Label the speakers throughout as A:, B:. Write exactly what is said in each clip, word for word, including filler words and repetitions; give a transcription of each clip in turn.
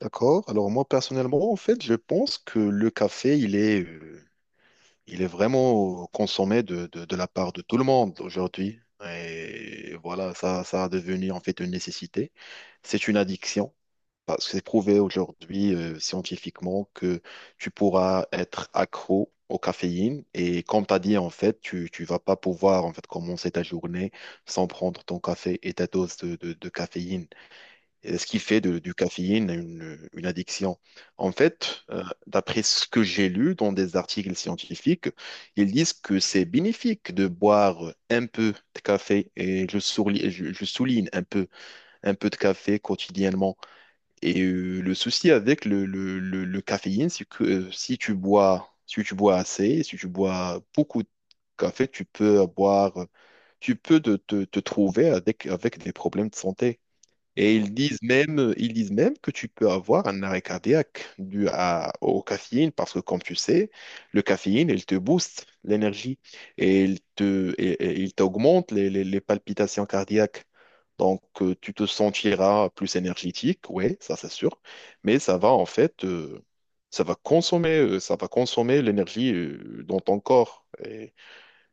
A: D'accord. Alors moi personnellement, en fait, je pense que le café, il est, euh, il est vraiment consommé de, de, de la part de tout le monde aujourd'hui. Et voilà, ça, ça a devenu en fait une nécessité. C'est une addiction parce que c'est prouvé aujourd'hui euh, scientifiquement que tu pourras être accro au caféine. Et comme tu as dit, en fait, tu ne vas pas pouvoir en fait commencer ta journée sans prendre ton café et ta dose de, de de caféine. Et ce qui fait de- du caféine une, une addiction. En fait, euh, d'après ce que j'ai lu dans des articles scientifiques, ils disent que c'est bénéfique de boire un peu de café, et je, sourli- je- je souligne un peu, un peu de café quotidiennement. Et euh, le souci avec le, le- le- le caféine, c'est que euh, si tu bois, si tu bois assez, si tu bois beaucoup de café, tu peux boire, tu peux te, te- te trouver avec, avec des problèmes de santé. Et ils disent même, ils disent même que tu peux avoir un arrêt cardiaque dû à, au caféine parce que, comme tu sais, le caféine, il te booste l'énergie et il te, et- et il t'augmente les, les- les palpitations cardiaques. Donc, euh, tu te sentiras plus énergétique, oui, ça c'est sûr, mais ça va en fait, euh, ça va consommer, euh, ça va consommer l'énergie euh, dans ton corps.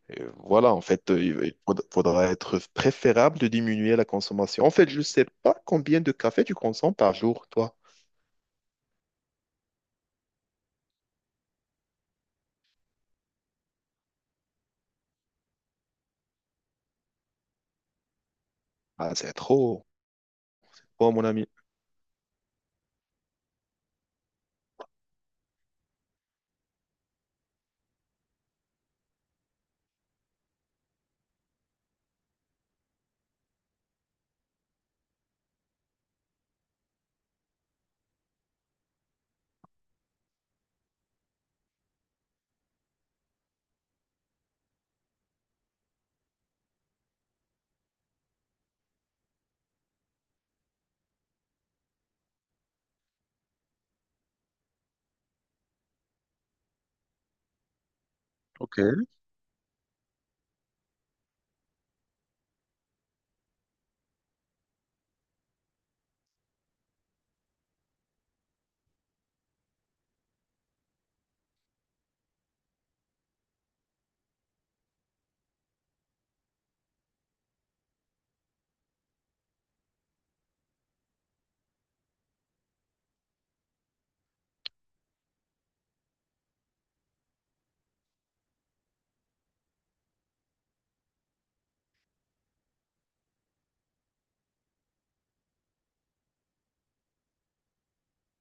A: Et voilà, en fait, euh, il faud- faudra être préférable de diminuer la consommation. En fait, je ne sais pas combien de café tu consommes par jour, toi. Ah, c'est trop. Oh, mon ami. Ok.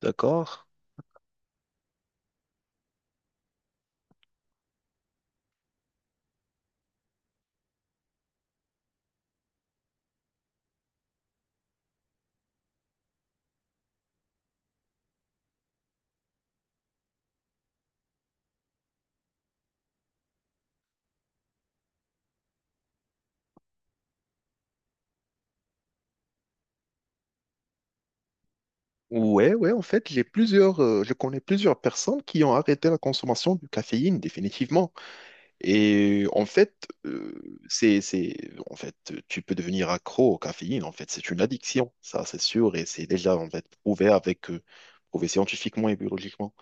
A: D'accord. Ouais, ouais, en fait, j'ai plusieurs, euh, je connais plusieurs personnes qui ont arrêté la consommation de caféine, définitivement. Et en fait, euh, c'est, c'est, en fait, tu peux devenir accro au caféine, en fait, c'est une addiction, ça, c'est sûr, et c'est déjà, en fait, prouvé avec, euh, prouvé scientifiquement et biologiquement.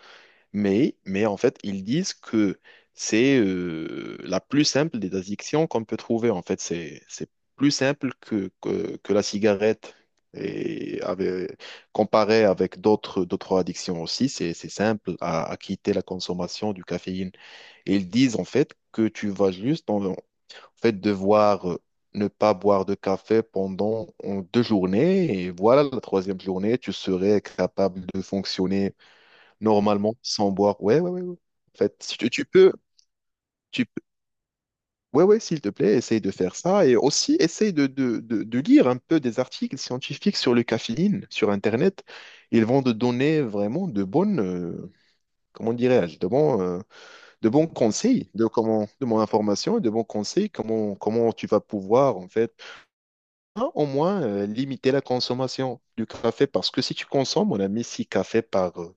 A: Mais, mais en fait, ils disent que c'est euh, la plus simple des addictions qu'on peut trouver. En fait, c'est, c'est plus simple que, que, que la cigarette. Et avec- Comparé avec d'autres d'autres addictions aussi, c'est c'est simple à, à quitter la consommation du caféine. Et ils disent en fait que tu vas juste en, en fait devoir euh, ne pas boire de café pendant euh, deux journées et voilà la troisième journée, tu serais capable de fonctionner normalement, sans boire. Ouais, ouais, ouais, ouais. En fait, si tu, tu peux, tu peux- ouais, ouais, s'il te plaît, essaye de faire ça. Et aussi, essaye de, de, de, de lire un peu des articles scientifiques sur le caféine, sur Internet. Ils vont te donner vraiment de bonnes, euh, comment dirais-je, de bons, euh, de bons conseils, de comment, de mon information et de bons conseils, comment, comment tu vas pouvoir, en fait, hein, au moins, euh, limiter la consommation du café. Parce que si tu consommes, on a mis six cafés par, euh,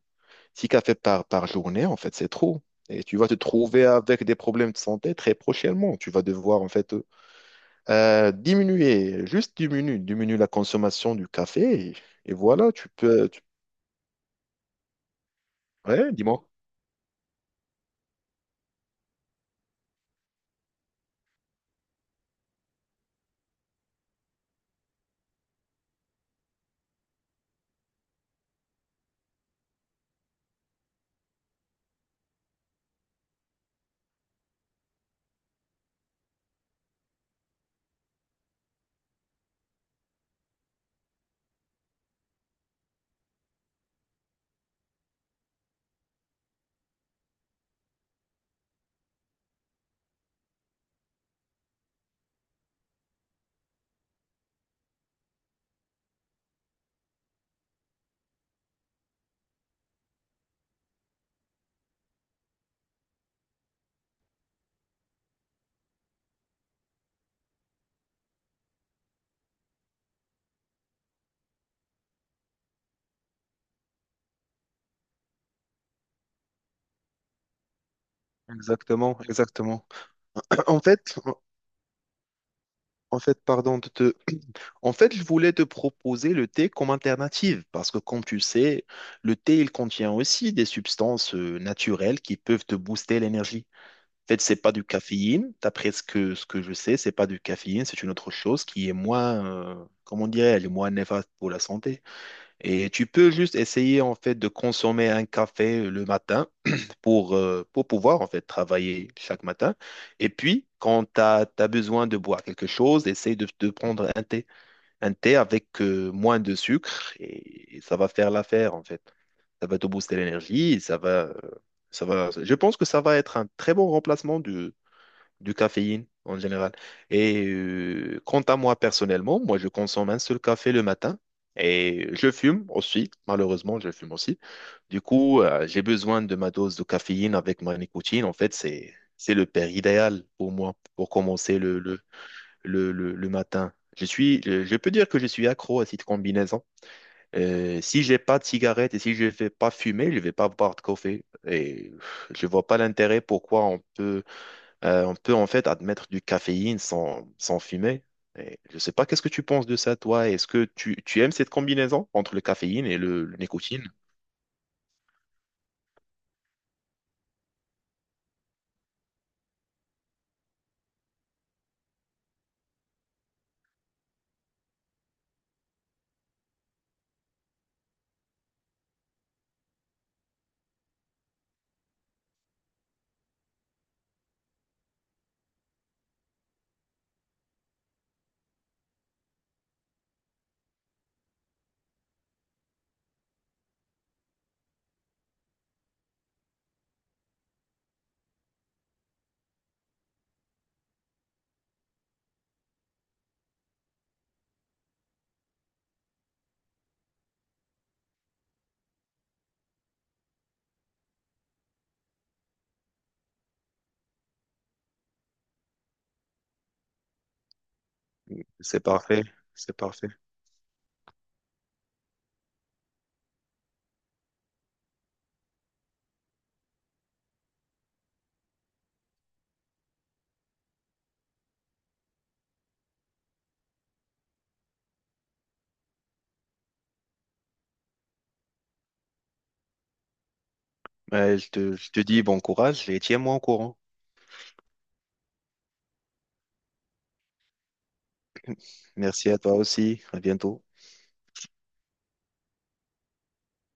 A: six cafés par, par journée, en fait, c'est trop. Et tu vas te trouver avec des problèmes de santé très prochainement. Tu vas devoir, en fait, euh, euh, diminuer, juste diminuer, diminuer la consommation du café. Et, et voilà, tu peux... tu- Ouais, dis-moi. Exactement, exactement. En fait, en fait, pardon de te... En fait, je voulais te proposer le thé comme alternative parce que, comme tu sais, le thé, il contient aussi des substances euh, naturelles qui peuvent te booster l'énergie. Fait, c'est pas du caféine. D'après ce que, ce que je sais, c'est pas du caféine, c'est une autre chose qui est moins, euh, comment dirais elle est moins néfaste pour la santé. Et tu peux juste essayer, en fait, de consommer un café euh, le matin pour, euh, pour pouvoir, en fait, travailler chaque matin. Et puis, quand tu as, besoin de boire quelque chose, essaye de, de prendre un thé. Un thé avec euh, moins de sucre et, et ça va faire l'affaire, en fait. Ça va te booster l'énergie, et ça va... euh, ça va, je pense que ça va être un très bon remplacement du caféine en général. Et euh, quant à moi personnellement, moi je consomme un seul café le matin et je fume aussi, malheureusement je fume aussi. Du coup, euh, j'ai besoin de ma dose de caféine avec ma nicotine. En fait, c'est c'est le père idéal pour moi pour commencer le le le, le, le matin. Je suis, je, je peux dire que je suis accro à cette combinaison. Euh, si j'ai pas de cigarette et si je vais pas fumer, je vais pas boire de café. Et je vois pas l'intérêt pourquoi on peut euh, on peut en fait admettre du caféine sans, sans fumer. Et je ne sais pas, qu'est-ce que tu penses de ça, toi? Est-ce que tu, tu aimes cette combinaison entre le caféine et le, le nicotine? C'est parfait, c'est parfait. Ouais, je te, je te dis bon courage et tiens-moi au courant. Merci à toi aussi, à bientôt.